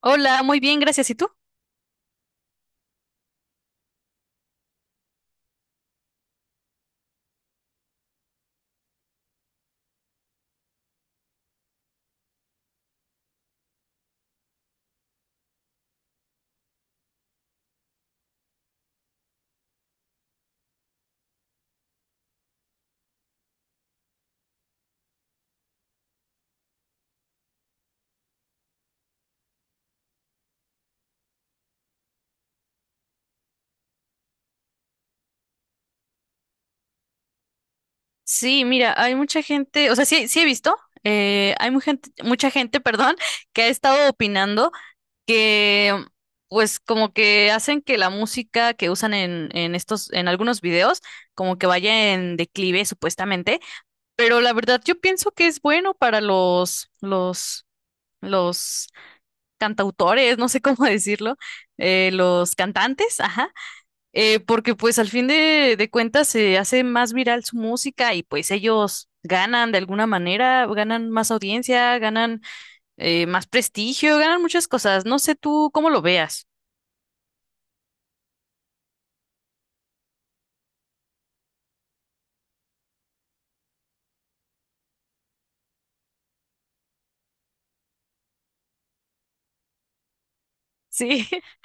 Hola, muy bien, gracias. ¿Y tú? Sí, mira, hay mucha gente, o sea, sí, sí he visto, hay mucha gente, perdón, que ha estado opinando que, pues, como que hacen que la música que usan en estos, en algunos videos, como que vaya en declive, supuestamente. Pero la verdad, yo pienso que es bueno para los cantautores, no sé cómo decirlo, los cantantes, ajá porque pues al fin de cuentas se hace más viral su música y pues ellos ganan de alguna manera, ganan más audiencia, ganan más prestigio, ganan muchas cosas. No sé tú cómo lo veas. Sí,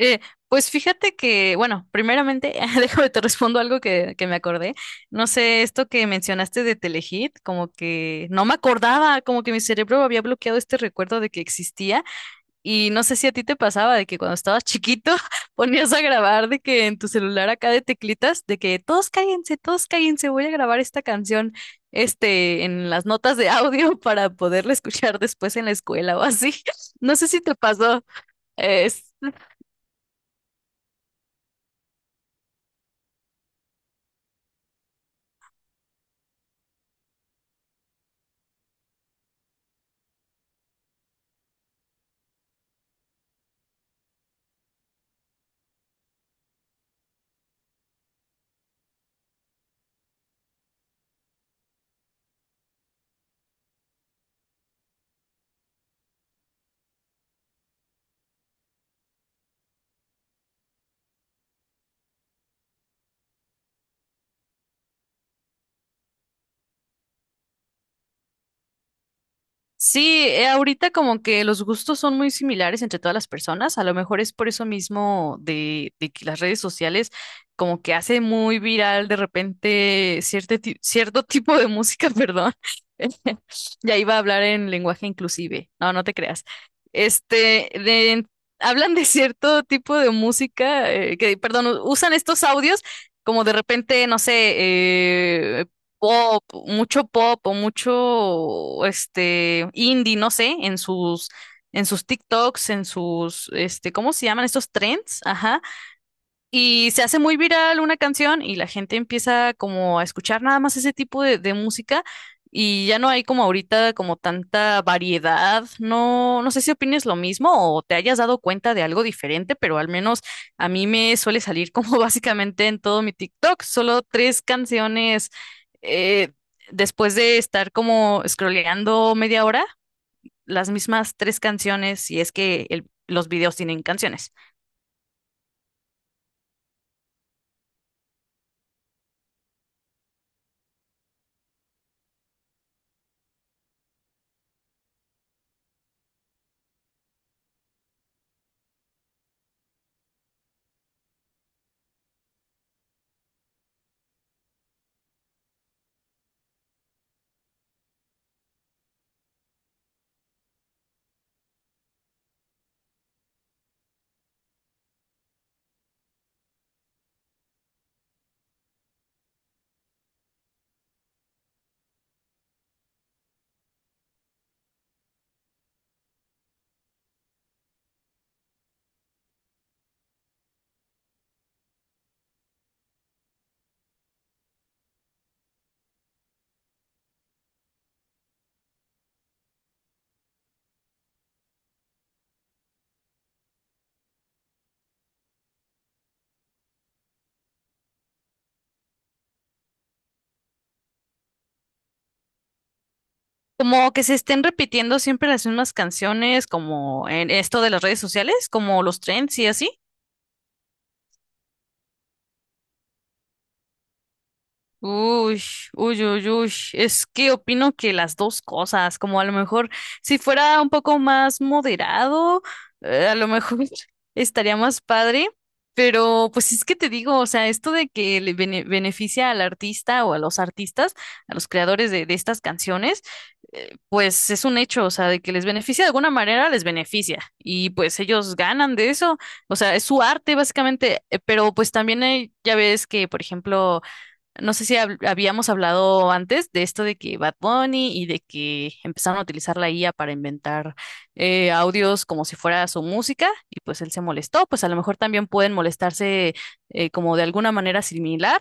Eh, pues fíjate que, bueno, primeramente, déjame te respondo algo que me acordé. No sé, esto que mencionaste de Telehit, como que no me acordaba, como que mi cerebro había bloqueado este recuerdo de que existía. Y no sé si a ti te pasaba de que cuando estabas chiquito ponías a grabar de que en tu celular acá de teclitas, de que todos cállense, voy a grabar esta canción, en las notas de audio para poderla escuchar después en la escuela o así. No sé si te pasó. Sí, ahorita como que los gustos son muy similares entre todas las personas, a lo mejor es por eso mismo de, que las redes sociales como que hace muy viral de repente cierto tipo de música, perdón. Ya iba a hablar en lenguaje inclusive, no, no te creas. Este, de- hablan de cierto tipo de música, que, perdón, usan estos audios como de repente, no sé, eh, pop, mucho pop o mucho este indie, no sé, en sus TikToks, en sus ¿cómo se llaman estos trends? Ajá. Y se hace muy viral una canción y la gente empieza como a escuchar nada más ese tipo de música y ya no hay como ahorita como tanta variedad. No, no sé si opines lo mismo o te hayas dado cuenta de algo diferente, pero al menos a mí me suele salir como básicamente en todo mi TikTok, solo tres canciones eh, después de estar como scrolleando media hora, las mismas tres canciones si es que los videos tienen canciones. Como que se estén repitiendo siempre las mismas canciones, como en esto de las redes sociales, como los trends y así. Uy, uy, uy, uy. Es que opino que las dos cosas, como a lo mejor si fuera un poco más moderado, a lo mejor estaría más padre, pero pues es que te digo, o sea, esto de que le beneficia al artista o a los artistas, a los creadores de estas canciones, pues es un hecho, o sea, de que les beneficia de alguna manera, les beneficia y pues ellos ganan de eso, o sea, es su arte básicamente, pero pues también hay, ya ves que, por ejemplo, no sé si habíamos hablado antes de esto de que Bad Bunny y de que empezaron a utilizar la IA para inventar audios como si fuera su música y pues él se molestó, pues a lo mejor también pueden molestarse como de alguna manera similar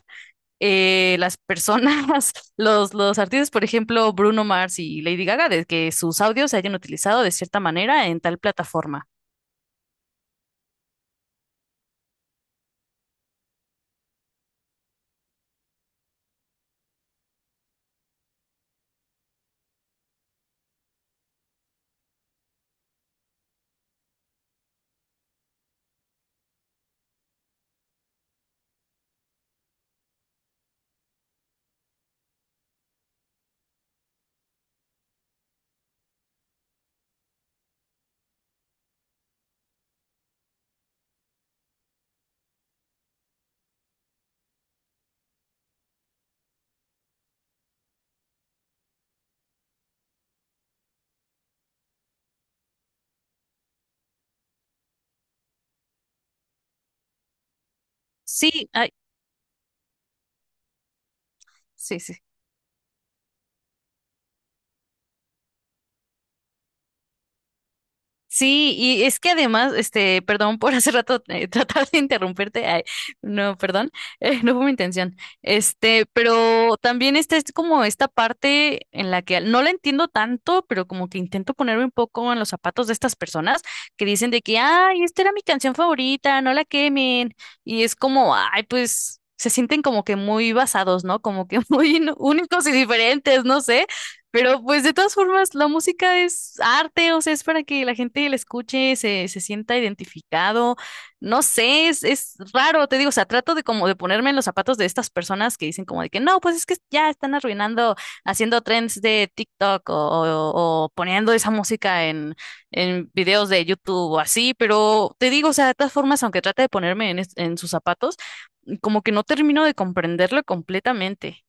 las personas, los artistas, por ejemplo, Bruno Mars y Lady Gaga, de que sus audios se hayan utilizado de cierta manera en tal plataforma. Sí, ay, sí, sí, sí. Sí, y es que además, perdón por hace rato tratar de interrumpirte, ay, no, perdón, no fue mi intención. Pero también esta es como esta parte en la que no la entiendo tanto, pero como que intento ponerme un poco en los zapatos de estas personas que dicen de que, ay, esta era mi canción favorita, no la quemen. Y es como, ay, pues se sienten como que muy basados, ¿no? Como que muy ¿no? únicos y diferentes, no sé. Pero pues de todas formas, la música es arte, o sea, es para que la gente la escuche, se sienta identificado. No sé, es raro, te digo, o sea, trato de como de ponerme en los zapatos de estas personas que dicen como de que no, pues es que ya están arruinando, haciendo trends de TikTok o poniendo esa música en videos de YouTube o así, pero te digo, o sea, de todas formas, aunque trate de ponerme en sus zapatos, como que no termino de comprenderlo completamente.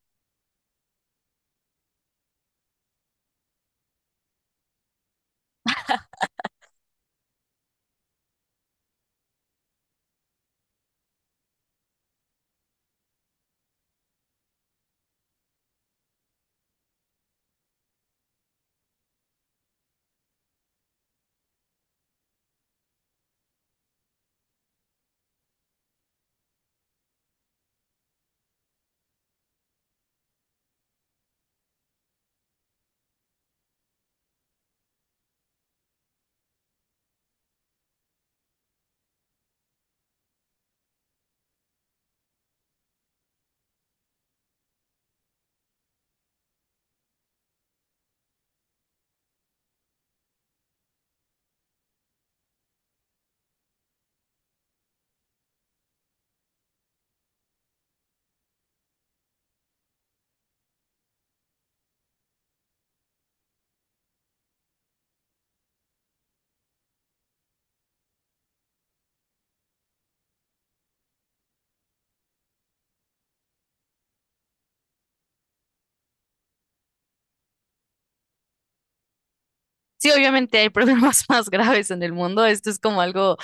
Sí, obviamente hay problemas más graves en el mundo. Esto es como algo,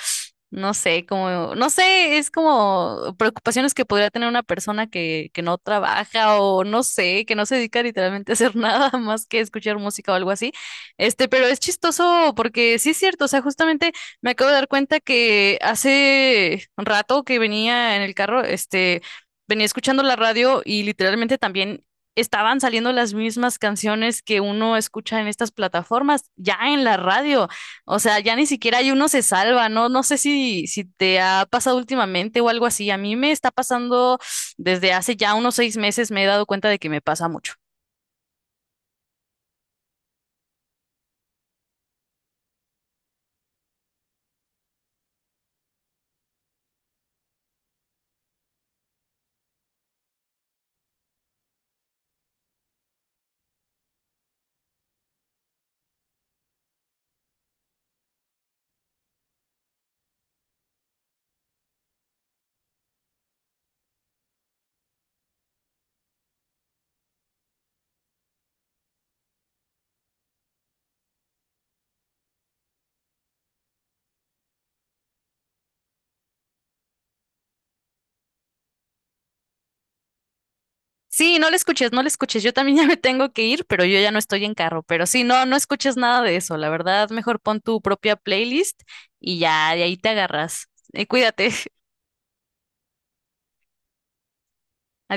no sé, como, no sé, es como preocupaciones que podría tener una persona que no trabaja o no sé, que no se dedica literalmente a hacer nada más que escuchar música o algo así. Pero es chistoso porque sí es cierto, o sea, justamente me acabo de dar cuenta que hace un rato que venía en el carro, venía escuchando la radio y literalmente también estaban saliendo las mismas canciones que uno escucha en estas plataformas, ya en la radio. O sea, ya ni siquiera hay uno se salva, ¿no? No sé si te ha pasado últimamente o algo así. A mí me está pasando desde hace ya unos 6 meses, me he dado cuenta de que me pasa mucho. Sí, no le escuches, no le escuches. Yo también ya me tengo que ir, pero yo ya no estoy en carro. Pero sí, no, no escuches nada de eso. La verdad, mejor pon tu propia playlist y ya de ahí te agarras. Cuídate.